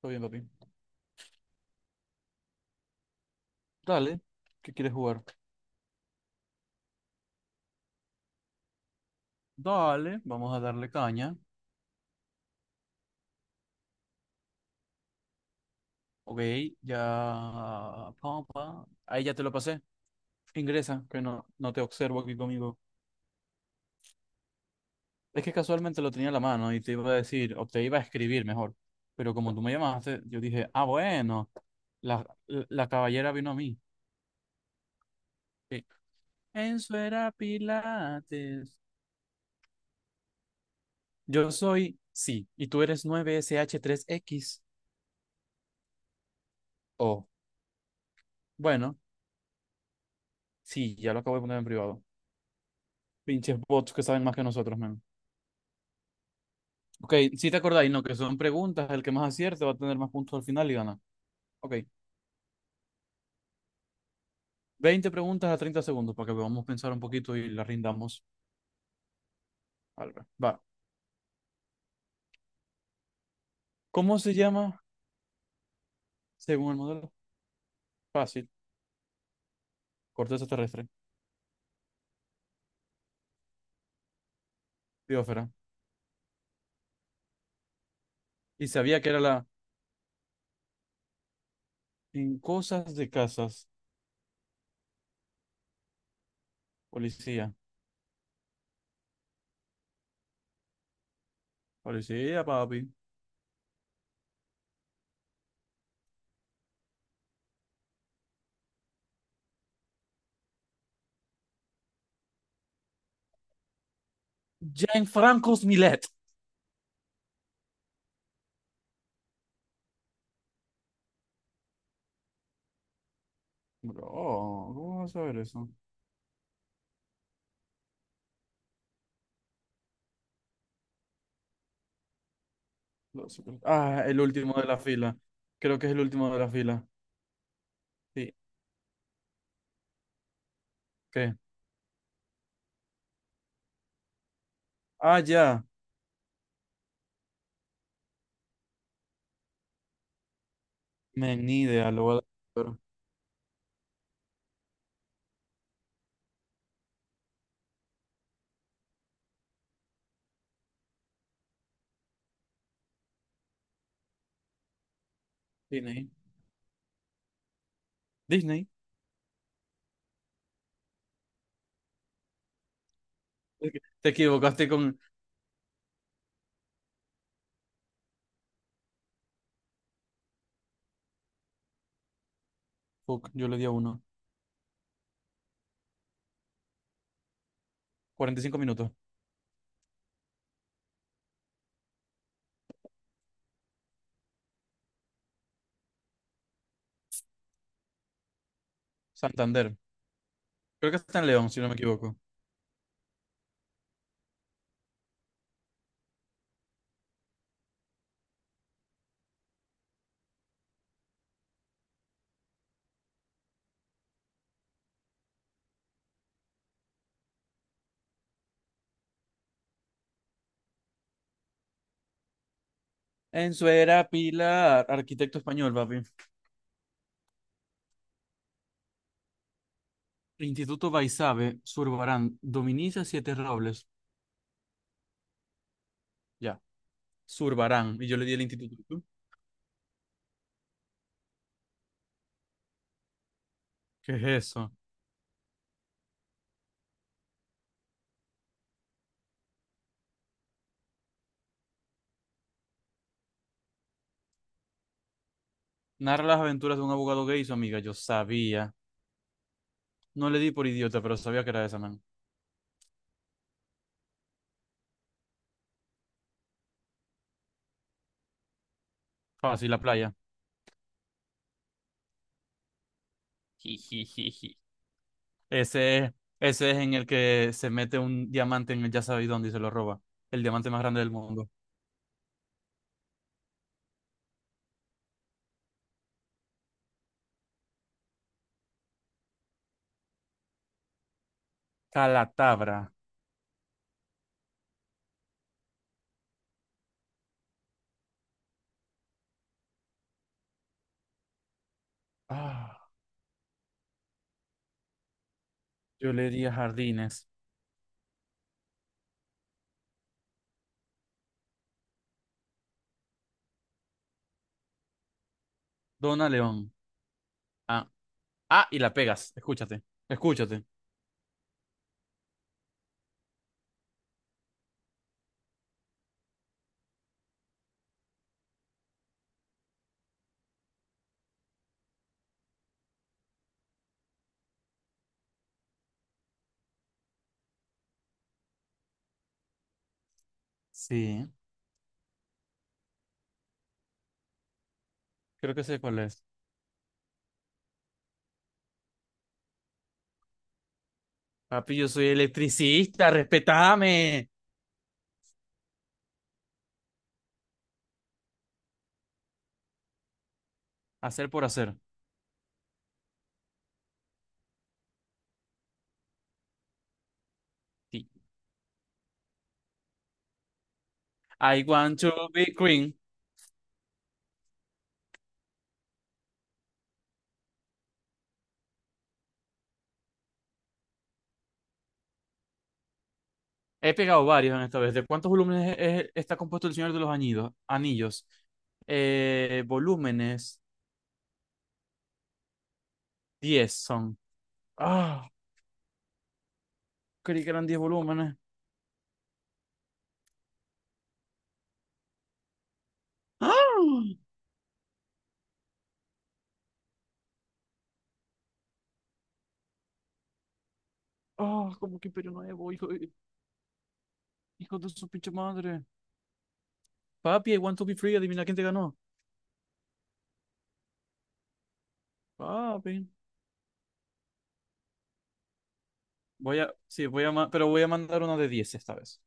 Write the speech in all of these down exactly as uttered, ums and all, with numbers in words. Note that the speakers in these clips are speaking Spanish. Todo bien, papi. Dale, ¿qué quieres jugar? Dale, vamos a darle caña. Ok, ya. Pa, pa. Ahí ya te lo pasé. Ingresa, que no, no te observo aquí conmigo. Es que casualmente lo tenía en la mano y te iba a decir, o te iba a escribir mejor. Pero como tú me llamaste, yo dije, ah, bueno, la, la, la caballera vino a mí. Sí. Enzo era Pilates. Yo soy, sí, y tú eres nueve sh tres x. Oh, bueno, sí, ya lo acabo de poner en privado. Pinches bots que saben más que nosotros, man. Ok, si te acordáis, ¿no? Que son preguntas, el que más acierte va a tener más puntos al final y gana. Ok, veinte preguntas a treinta segundos para que podamos pensar un poquito y la rindamos. Al ver. Va. ¿Cómo se llama, según el modelo? Fácil, corteza terrestre, biosfera. Y sabía que era la en cosas de casas, policía. Policía, papi. Gianfrancos Milet. Bro, ¿cómo vas a saber eso? Los- Ah, el último de la fila. Creo que es el último de la fila. Sí, ¿qué? Ah, ya. Men, ni idea, lo voy a dar. Disney. Disney. Es que te equivocaste con. Fuck, yo le di a uno. Cuarenta y cinco minutos. Santander. Creo que está en León, si no me equivoco. Ensuera Pilar, arquitecto español, papi. Instituto Baisabe, Zurbarán. Dominicia Siete Robles. Ya. Zurbarán. Y yo le di el instituto. ¿Tú? ¿Qué es eso? Narra las aventuras de un abogado gay y su amiga. Yo sabía. No le di por idiota, pero sabía que era esa, man. Fácil, la playa. Jijijiji. Ese, ese es en el que se mete un diamante en el ya sabéis dónde y se lo roba. El diamante más grande del mundo. Calatabra. Ah, yo le diría jardines. Dona León. Ah, ah, y la pegas. Escúchate. Escúchate. Sí, creo que sé cuál es. Papi, yo soy electricista, respetame. Hacer por hacer. Sí. I want to be queen. He pegado varios en esta vez. ¿De cuántos volúmenes es- es- está compuesto el Señor de los Añidos- Anillos? Anillos. Volúmenes diez son. Ah, creí que eran diez volúmenes. ¡Ah! Ah, como que Imperio Nuevo, hijo, hijo de su pinche madre. Papi, I want to be free, adivina quién te ganó. Papi. Voy a, sí, voy a, ma- pero voy a mandar una de diez esta vez.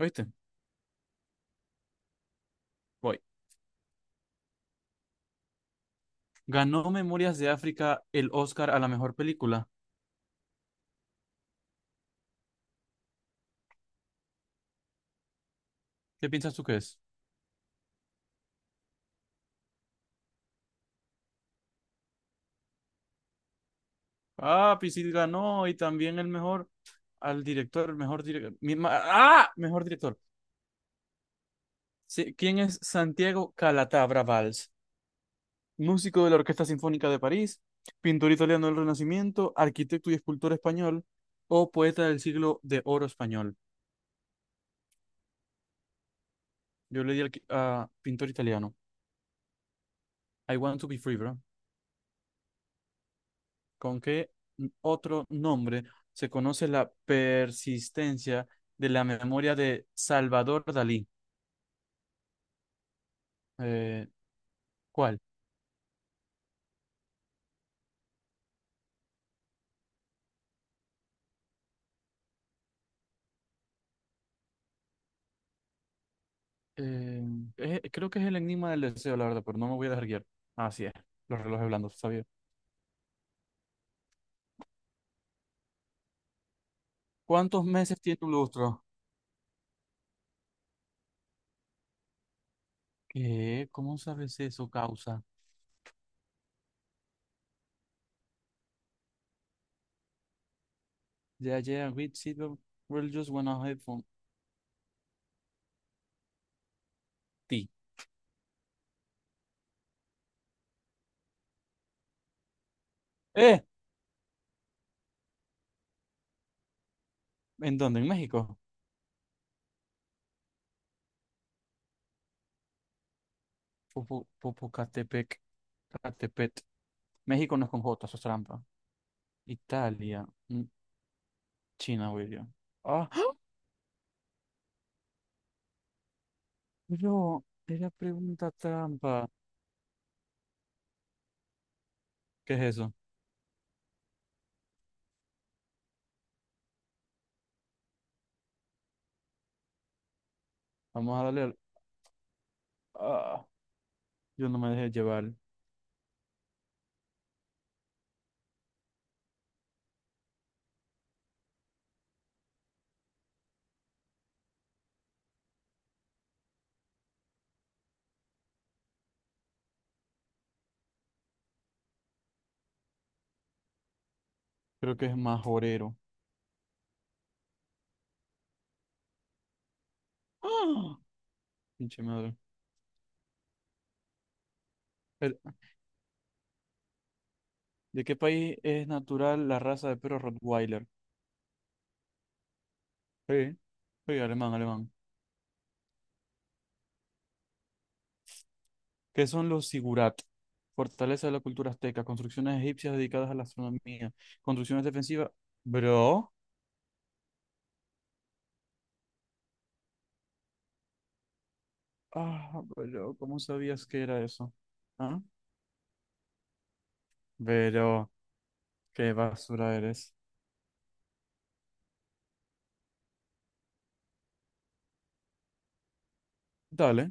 ¿Oíste? Voy. Ganó Memorias de África el Oscar a la mejor película. ¿Qué piensas tú que es? Papi, sí ganó y también el mejor, al director, el mejor director. ¡Ah! Mejor director. Sí, ¿quién es Santiago Calatabra Valls? Músico de la Orquesta Sinfónica de París, pintor italiano del Renacimiento, arquitecto y escultor español, o poeta del siglo de oro español. Yo le di al a pintor italiano. I want to be free, bro. ¿Con qué otro nombre se conoce la persistencia de la memoria de Salvador Dalí? Eh, ¿Cuál? Eh, eh, Creo que es el enigma del deseo, la verdad, pero no me voy a dejar guiar. Así es, los relojes blandos, sabía. ¿Cuántos meses tiene un lustro? ¿Qué? ¿Cómo sabes eso, causa? Yeah, yeah, we see the we'll just wanna have fun. Ti. Eh, ¿En dónde? En México. Popo- Popocatepec, Catepet. México no es con J, eso es trampa. Italia, mm, China, William. Ah, ¡ah! Pero era pregunta trampa. ¿Qué es eso? Vamos a darle al. Ah, yo no me dejé llevar. Creo que es majorero. Ah, pinche madre. El- ¿De qué país es natural la raza de perro Rottweiler? Sí, sí, alemán, alemán. ¿Qué son los sigurat? Fortaleza de la cultura azteca, construcciones egipcias dedicadas a la astronomía, construcciones defensivas. Bro, ah, bro, ¿cómo sabías que era eso? ¿Ah? Pero, qué basura eres. Dale.